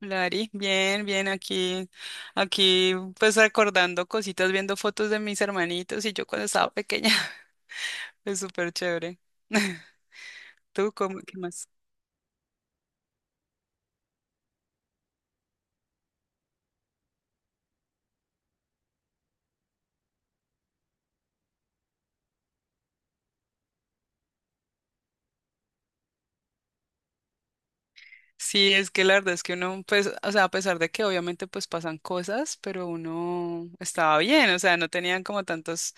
Lari, bien, bien, aquí, pues recordando cositas, viendo fotos de mis hermanitos y yo cuando estaba pequeña, es súper chévere. ¿Tú cómo, qué más? Sí, es que la verdad es que uno, pues, o sea, a pesar de que obviamente pues pasan cosas, pero uno estaba bien, o sea, no tenían como tantas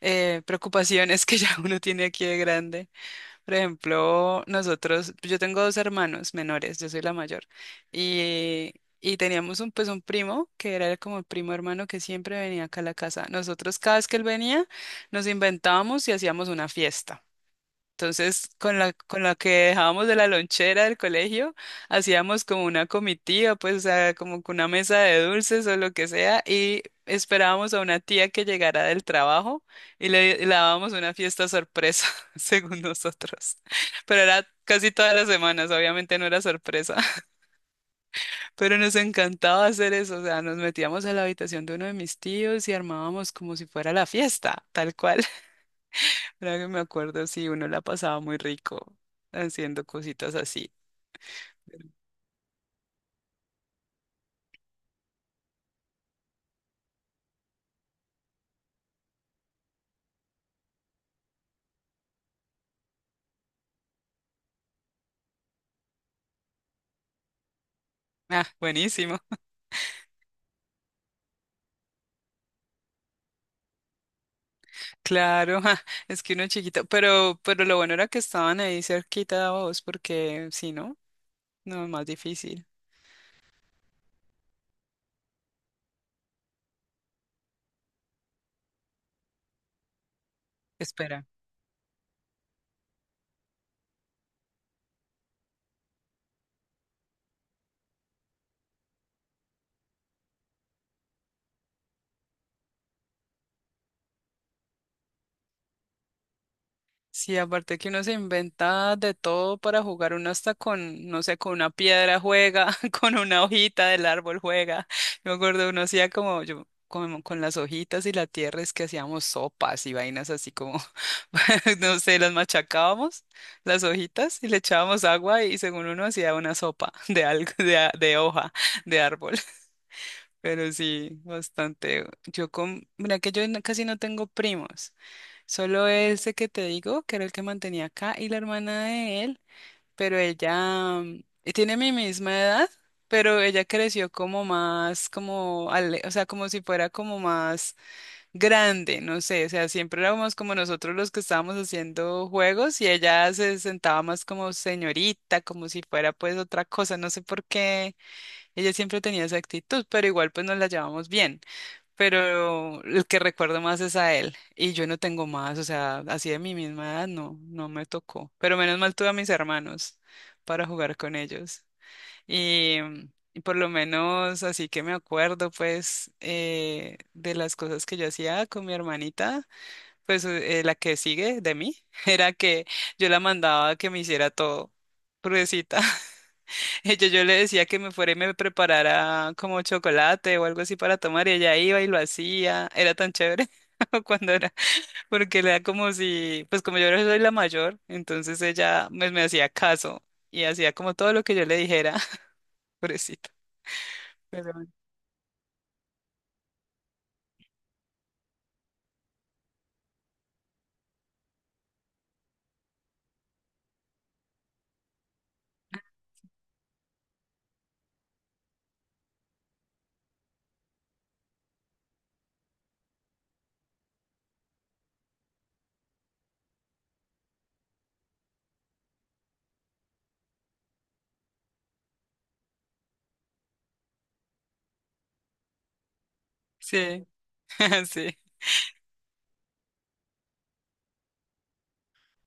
preocupaciones que ya uno tiene aquí de grande. Por ejemplo, nosotros, pues, yo tengo dos hermanos menores, yo soy la mayor, y, y teníamos un, pues un primo que era como el primo hermano que siempre venía acá a la casa. Nosotros cada vez que él venía, nos inventábamos y hacíamos una fiesta. Entonces, con la que dejábamos de la lonchera del colegio, hacíamos como una comitiva, pues, o sea, como que una mesa de dulces o lo que sea, y esperábamos a una tía que llegara del trabajo y le dábamos una fiesta sorpresa, según nosotros. Pero era casi todas las semanas, obviamente no era sorpresa, pero nos encantaba hacer eso, o sea, nos metíamos a la habitación de uno de mis tíos y armábamos como si fuera la fiesta, tal cual. Ahora que me acuerdo, sí, uno la pasaba muy rico haciendo cositas así. Ah, buenísimo. Claro, ah, es que uno chiquito, pero lo bueno era que estaban ahí cerquita de vos, porque si no, no es más difícil. Espera. Sí, aparte que uno se inventa de todo para jugar, uno hasta con, no sé, con una piedra juega, con una hojita del árbol juega. Yo me acuerdo, uno hacía como yo, como con las hojitas y la tierra es que hacíamos sopas y vainas así como, no sé, las machacábamos, las hojitas, y le echábamos agua y según uno hacía una sopa de algo, de hoja, de árbol. Pero sí, bastante. Yo con, mira que yo no- casi no tengo primos, solo ese que te digo, que era el que mantenía acá, y la hermana de él, pero ella y tiene mi misma edad, pero ella creció como más, como, o sea, como si fuera como más grande, no sé, o sea, siempre éramos como nosotros los que estábamos haciendo juegos y ella se sentaba más como señorita, como si fuera pues otra cosa, no sé por qué. Ella siempre tenía esa actitud, pero igual pues nos la llevamos bien. Pero el que recuerdo más es a él. Y yo no tengo más, o sea, así de mi misma edad no, no me tocó. Pero menos mal tuve a mis hermanos para jugar con ellos. Y, mm, y por lo menos así que me acuerdo pues de las cosas que yo hacía con mi hermanita, pues la que sigue de mí, era que yo la mandaba a que me hiciera todo, pruebecita. Yo le decía que me fuera y me preparara como chocolate o algo así para tomar y ella iba y lo hacía. Era tan chévere cuando era, porque era como si, pues como yo soy la mayor, entonces ella me hacía caso y hacía como todo lo que yo le dijera. Pobrecito. Pero bueno. Sí, sí.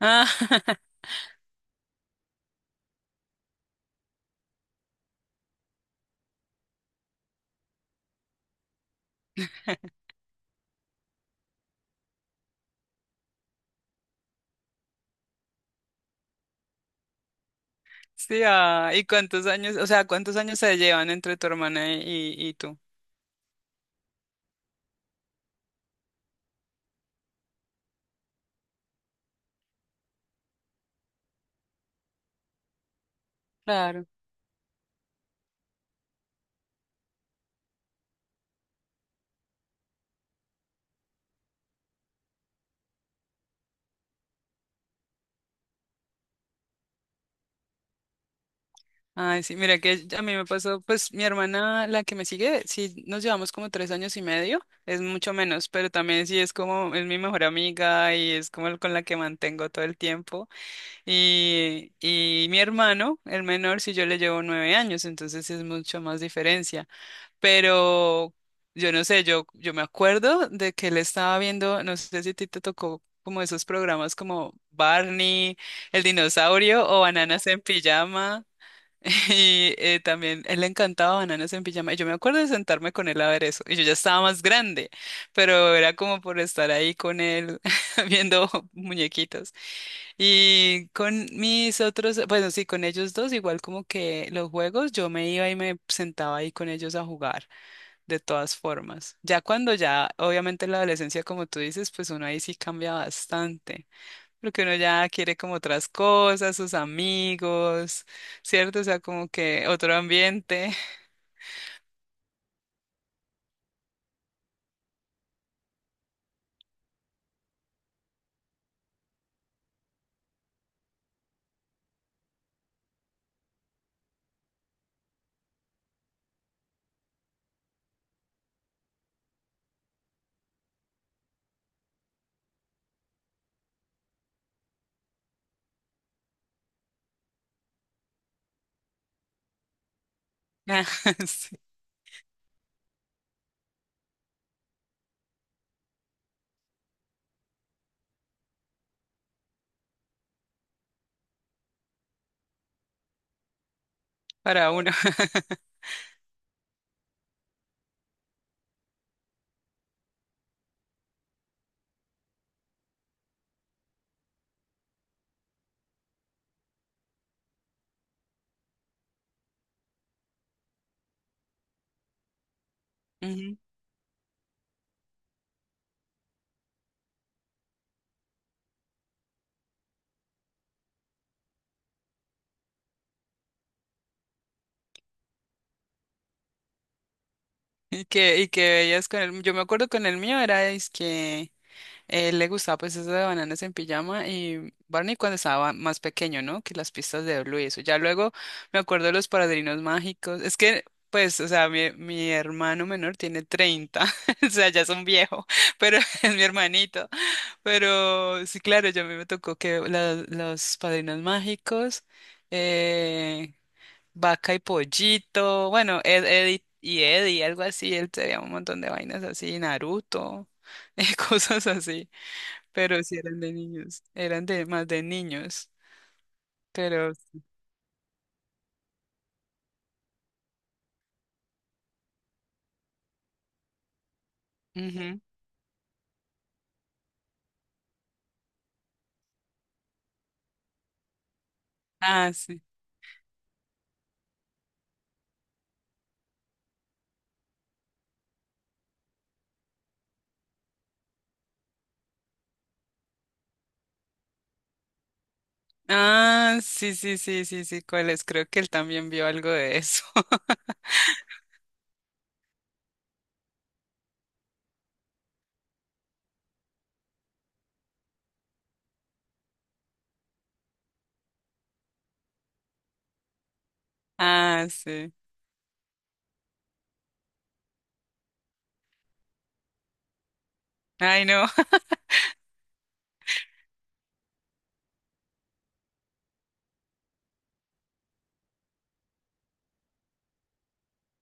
Ah, sí, ah, ¿y cuántos años, o sea, cuántos años se llevan entre tu hermana y tú? Ay, sí, mira que a mí me pasó, pues mi hermana, la que me sigue, sí nos llevamos como 3 años y medio, es mucho menos, pero también sí es como, es mi mejor amiga y es como el con la que mantengo todo el tiempo. Y mi hermano, el menor, sí yo le llevo 9 años, entonces es mucho más diferencia. Pero yo no sé, yo me acuerdo de que él estaba viendo, no sé si a ti te tocó como esos programas como Barney, el dinosaurio o Bananas en Pijama. Y también él le encantaba Bananas en Pijama. Y yo me acuerdo de sentarme con él a ver eso. Y yo ya estaba más grande, pero era como por estar ahí con él viendo muñequitos. Y con mis otros, bueno, sí, con ellos dos, igual como que los juegos, yo me iba y me sentaba ahí con ellos a jugar, de todas formas. Ya cuando ya, obviamente en la adolescencia, como tú dices, pues uno ahí sí cambia bastante. Porque uno ya quiere como otras cosas, sus amigos, ¿cierto? O sea, como que otro ambiente. Ah, sí, para uno. Ujú. Y que veías con el, yo me acuerdo con el mío era es que él le gustaba pues eso de Bananas en Pijama y Barney cuando estaba más pequeño, ¿no? Que las pistas de Blue y eso. Ya luego me acuerdo de Los Padrinos Mágicos. Es que, pues, o sea, mi hermano menor tiene 30, o sea, ya es un viejo, pero es mi hermanito. Pero sí, claro, ya a mí me tocó que Los Padrinos Mágicos, eh, Vaca y Pollito, bueno, Ed y Eddie, algo así, él tenía un montón de vainas así, Naruto, cosas así, pero sí eran de niños, eran de más de niños, pero ujú. Ah, sí. Ah, sí, sí, sí, sí, sí, ¿cuál es? Creo que él también vio algo de eso. Ah, sí. Ay, no.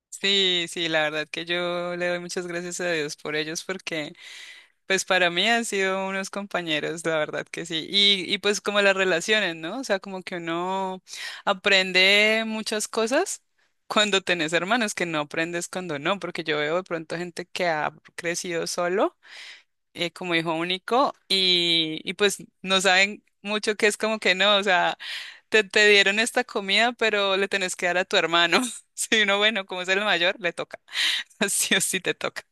Sí, sí, la verdad que yo le doy muchas gracias a Dios por ellos porque pues para mí han sido unos compañeros, la verdad que sí. Y pues como las relaciones, ¿no? O sea, como que uno aprende muchas cosas cuando tenés hermanos que no aprendes cuando no, porque yo veo de pronto gente que ha crecido solo, como hijo único, y pues no saben mucho que es como que no, o sea, te dieron esta comida, pero le tenés que dar a tu hermano. Si uno, bueno, como es el mayor, le toca. Sí o sí te toca.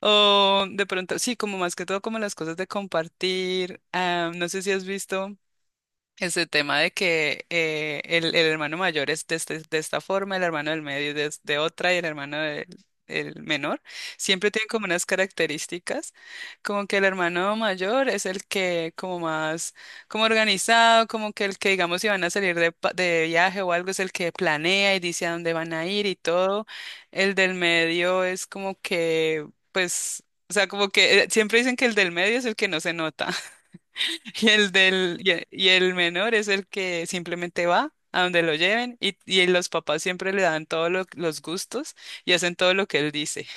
O de pronto, sí, como más que todo como las cosas de compartir. Ah, no sé si has visto ese tema de que el hermano mayor es de, de esta forma, el hermano del medio de otra y el hermano del el menor, siempre tienen como unas características, como que el hermano mayor es el que como más, como organizado, como que el que digamos si van a salir de viaje o algo es el que planea y dice a dónde van a ir y todo, el del medio es como que pues... O sea, como que siempre dicen que el del medio es el que no se nota. Y el del, y e- y el menor es el que simplemente va a donde lo lleven y los papás siempre le dan todos los gustos y hacen todo lo que él dice.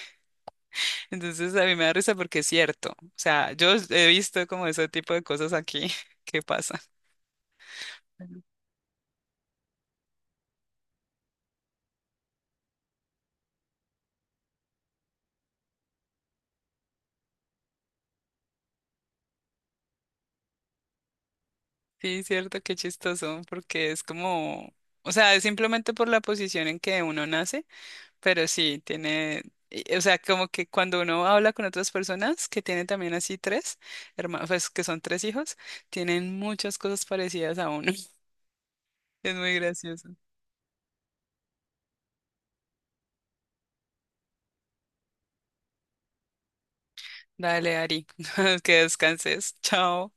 Entonces a mí me da risa porque es cierto. O sea, yo he visto como ese tipo de cosas aquí que pasa. Sí, cierto, qué chistoso, porque es como, o sea, es simplemente por la posición en que uno nace. Pero sí, tiene, o sea, como que cuando uno habla con otras personas que tienen también así tres hermanos, pues que son tres hijos, tienen muchas cosas parecidas a uno. Es muy gracioso. Dale, Ari, que descanses. Chao.